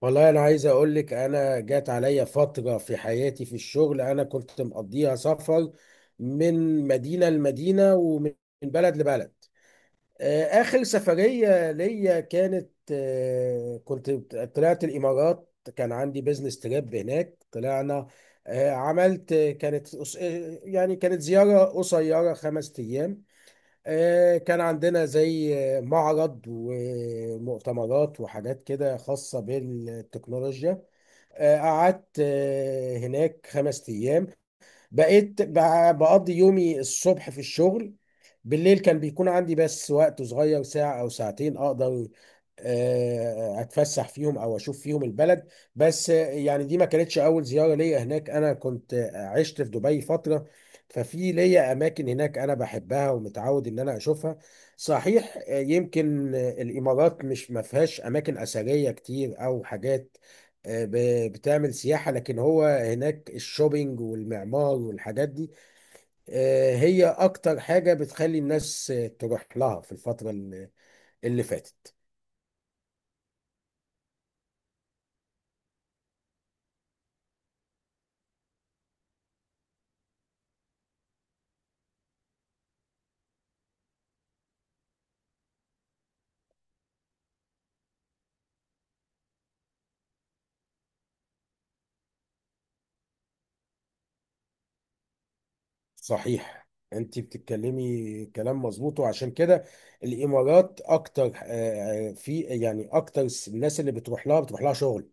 والله انا عايز اقول لك، انا جات عليا فتره في حياتي في الشغل انا كنت مقضيها سفر من مدينه لمدينه ومن بلد لبلد. اخر سفريه ليا كانت كنت طلعت الامارات، كان عندي بزنس تريب هناك. طلعنا، عملت كانت يعني كانت زياره قصيره خمس ايام. كان عندنا زي معرض ومؤتمرات وحاجات كده خاصة بالتكنولوجيا. قعدت هناك خمس أيام. بقيت بقضي يومي الصبح في الشغل. بالليل كان بيكون عندي بس وقت صغير، ساعة أو ساعتين أقدر أتفسح فيهم أو أشوف فيهم البلد. بس يعني دي ما كانتش أول زيارة ليا هناك، أنا كنت عشت في دبي فترة. ففي ليا أماكن هناك أنا بحبها ومتعود إن أنا أشوفها. صحيح، يمكن الإمارات مش ما فيهاش أماكن أثرية كتير أو حاجات بتعمل سياحة، لكن هو هناك الشوبينج والمعمار والحاجات دي هي أكتر حاجة بتخلي الناس تروح لها في الفترة اللي فاتت. صحيح، أنت بتتكلمي كلام مظبوط، وعشان كده الإمارات أكتر، في يعني أكتر الناس اللي بتروح لها شغل،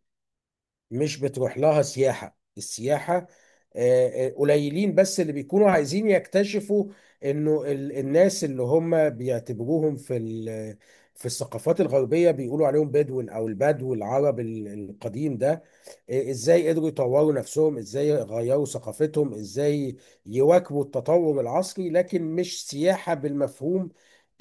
مش بتروح لها سياحة. السياحة، قليلين بس اللي بيكونوا عايزين يكتشفوا انه الناس اللي هم بيعتبروهم في في الثقافات الغربية بيقولوا عليهم بدون او البدو العرب القديم ده، ازاي قدروا يطوروا نفسهم، ازاي غيروا ثقافتهم، ازاي يواكبوا التطور العصري، لكن مش سياحة بالمفهوم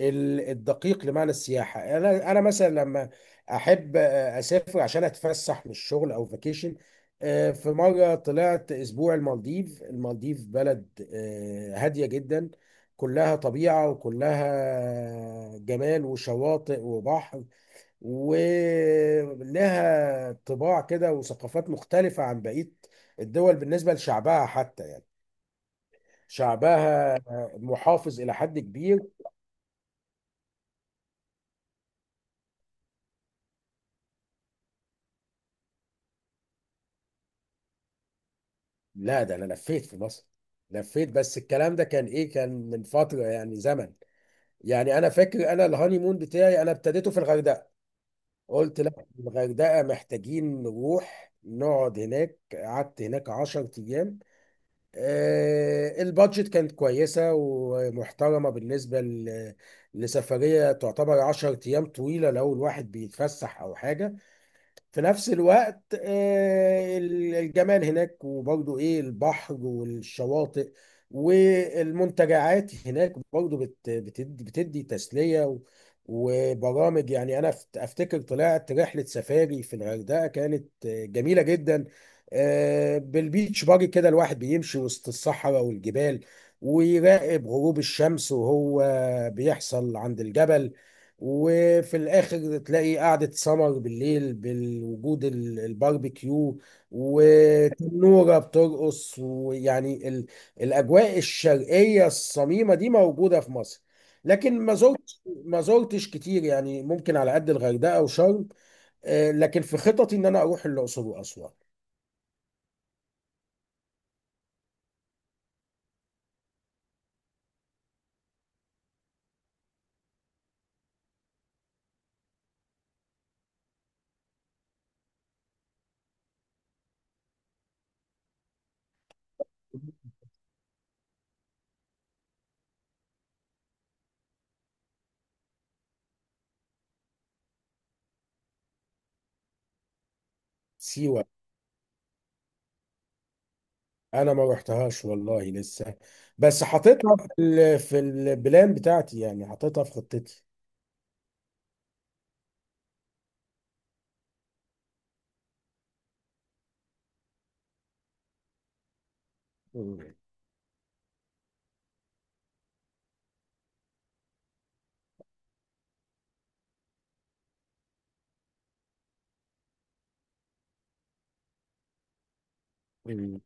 الدقيق لمعنى السياحة. انا مثلا لما احب اسافر عشان اتفسح من الشغل او فاكيشن. في مره طلعت اسبوع المالديف. المالديف بلد هاديه جدا، كلها طبيعه وكلها جمال وشواطئ وبحر، ولها طباع كده وثقافات مختلفه عن بقيه الدول. بالنسبه لشعبها حتى يعني شعبها محافظ الى حد كبير. لا، ده انا لفيت في مصر، لفيت، بس الكلام ده كان ايه، كان من فتره، يعني زمن. يعني انا فاكر انا الهانيمون بتاعي انا ابتديته في الغردقه. قلت لا، الغردقه محتاجين نروح نقعد هناك. قعدت هناك 10 ايام. البادجت كانت كويسه ومحترمه بالنسبه لسفريه، تعتبر 10 ايام طويله لو الواحد بيتفسح او حاجه. في نفس الوقت الجمال هناك، وبرضو ايه البحر والشواطئ والمنتجعات هناك برضو بتدي تسلية وبرامج. يعني انا افتكر طلعت رحلة سفاري في الغردقة، كانت جميلة جدا. بالبيتش باجي كده الواحد بيمشي وسط الصحراء والجبال، ويراقب غروب الشمس وهو بيحصل عند الجبل. وفي الاخر تلاقي قعده سمر بالليل بالوجود الباربيكيو وتنوره بترقص، ويعني الاجواء الشرقيه الصميمه دي موجوده في مصر. لكن ما زرتش كتير، يعني ممكن على قد الغردقه وشرم. لكن في خططي ان انا اروح الاقصر واسوان. سيوه، انا ما رحتهاش والله لسه، بس حاططها في في البلان بتاعتي، يعني حاططها في خطتي. مم. مم.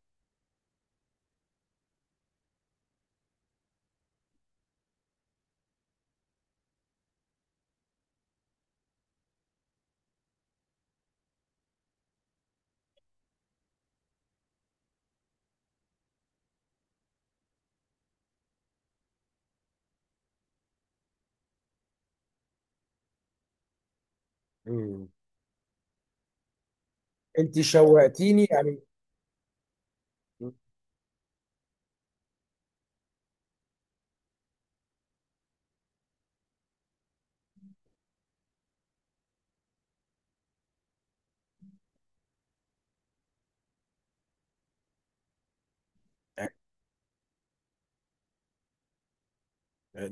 مم. انت شوقتيني يعني.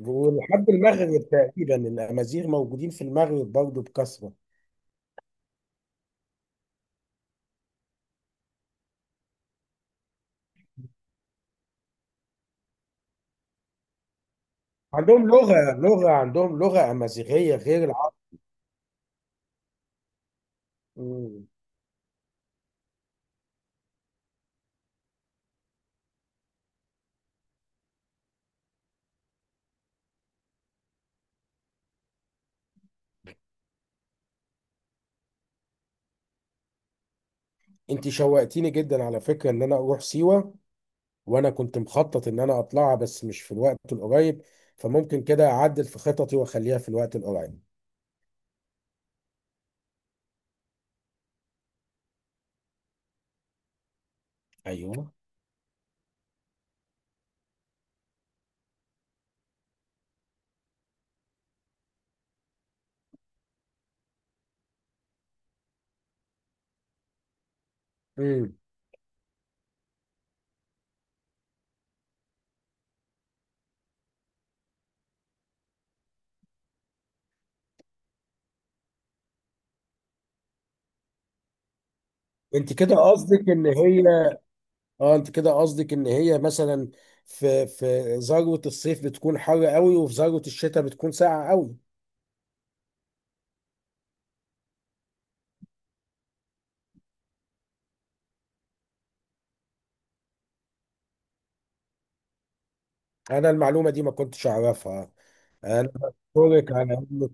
ولحد المغرب تقريبا الامازيغ موجودين في المغرب برضه بكثره. عندهم لغه امازيغيه غير العرب. مم. انت شوقتيني جدا على فكره ان انا اروح سيوه، وانا كنت مخطط ان انا اطلعها بس مش في الوقت القريب، فممكن كده اعدل في خططي واخليها في الوقت القريب. ايوه. امم. انت كده قصدك ان هي اه انت كده قصدك ان هي مثلا في ذروة الصيف بتكون حر قوي، وفي ذروة الشتاء بتكون ساقعة قوي. انا المعلومة دي ما كنتش اعرفها. انا بشكرك على انك.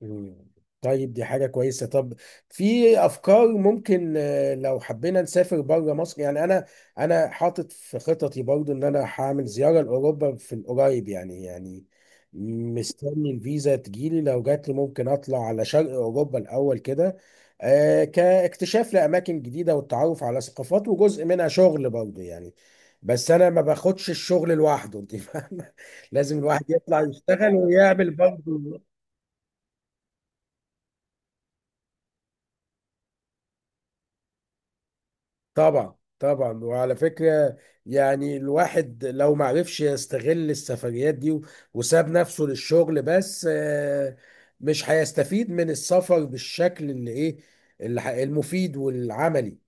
مم. طيب دي حاجة كويسة. طب في أفكار ممكن لو حبينا نسافر بره مصر؟ يعني أنا حاطط في خططي برضو إن أنا هعمل زيارة لأوروبا في القريب، يعني مستني الفيزا تجيلي. لو جات لي ممكن أطلع على شرق أوروبا الأول كده، كاكتشاف لأماكن جديدة والتعرف على ثقافات، وجزء منها شغل برضو يعني. بس أنا ما باخدش الشغل لوحده، أنت فاهمة. لازم الواحد يطلع يشتغل ويعمل برضو. طبعا، طبعا، وعلى فكرة، يعني الواحد لو معرفش يستغل السفريات دي وساب نفسه للشغل بس، مش هيستفيد من السفر بالشكل اللي ايه، اللي المفيد والعملي.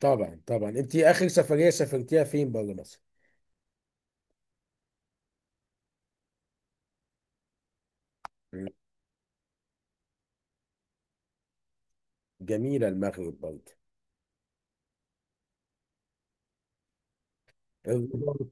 طبعا، طبعا، انت اخر سفرية سافرتيها فين بره مصر؟ مم. جميلة المغرب برضه. الرباط.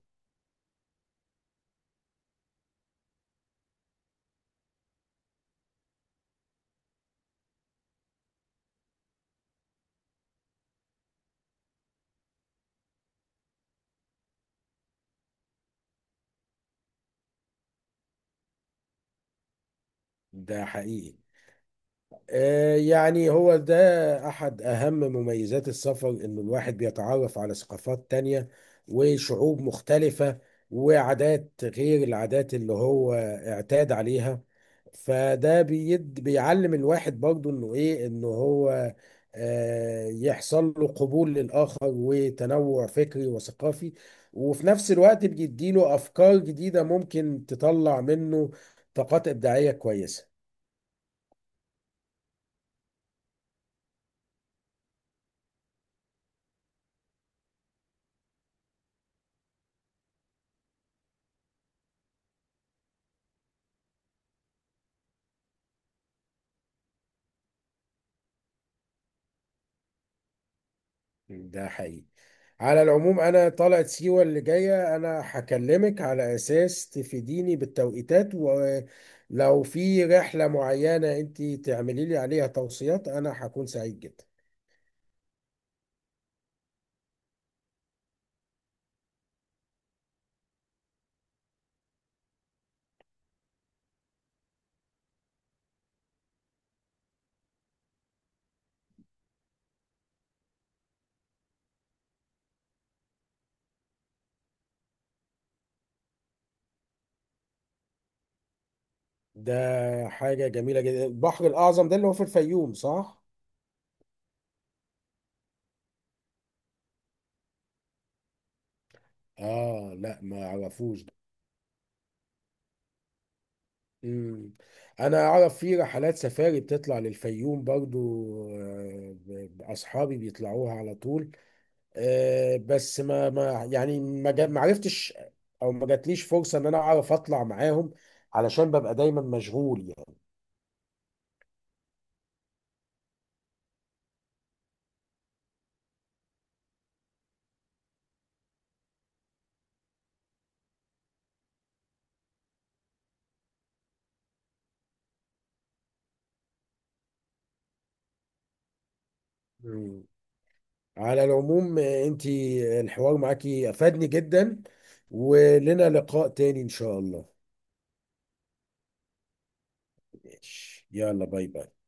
ده حقيقي، يعني هو ده أحد أهم مميزات السفر، إن الواحد بيتعرف على ثقافات تانية وشعوب مختلفة وعادات غير العادات اللي هو اعتاد عليها. فده بيعلم الواحد برضو إنه هو يحصل له قبول للآخر وتنوع فكري وثقافي، وفي نفس الوقت بيديله أفكار جديدة ممكن تطلع منه طاقات إبداعية كويسة. ده حقيقي. على العموم انا طلعت سيوة اللي جاية انا هكلمك على اساس تفيديني بالتوقيتات، ولو في رحلة معينة انت تعملي لي عليها توصيات انا هكون سعيد جدا. ده حاجة جميلة جدا. البحر الاعظم ده اللي هو في الفيوم صح؟ اه لا، ما اعرفوش ده. مم. انا اعرف في رحلات سفاري بتطلع للفيوم برضو. اصحابي بيطلعوها على طول. بس ما يعني ما عرفتش او ما جاتليش فرصه ان انا اعرف اطلع معاهم، علشان ببقى دايما مشغول يعني. مم. على العموم انتي الحوار معاكي افادني جدا، ولنا لقاء تاني ان شاء الله. ماشي. يلا باي باي.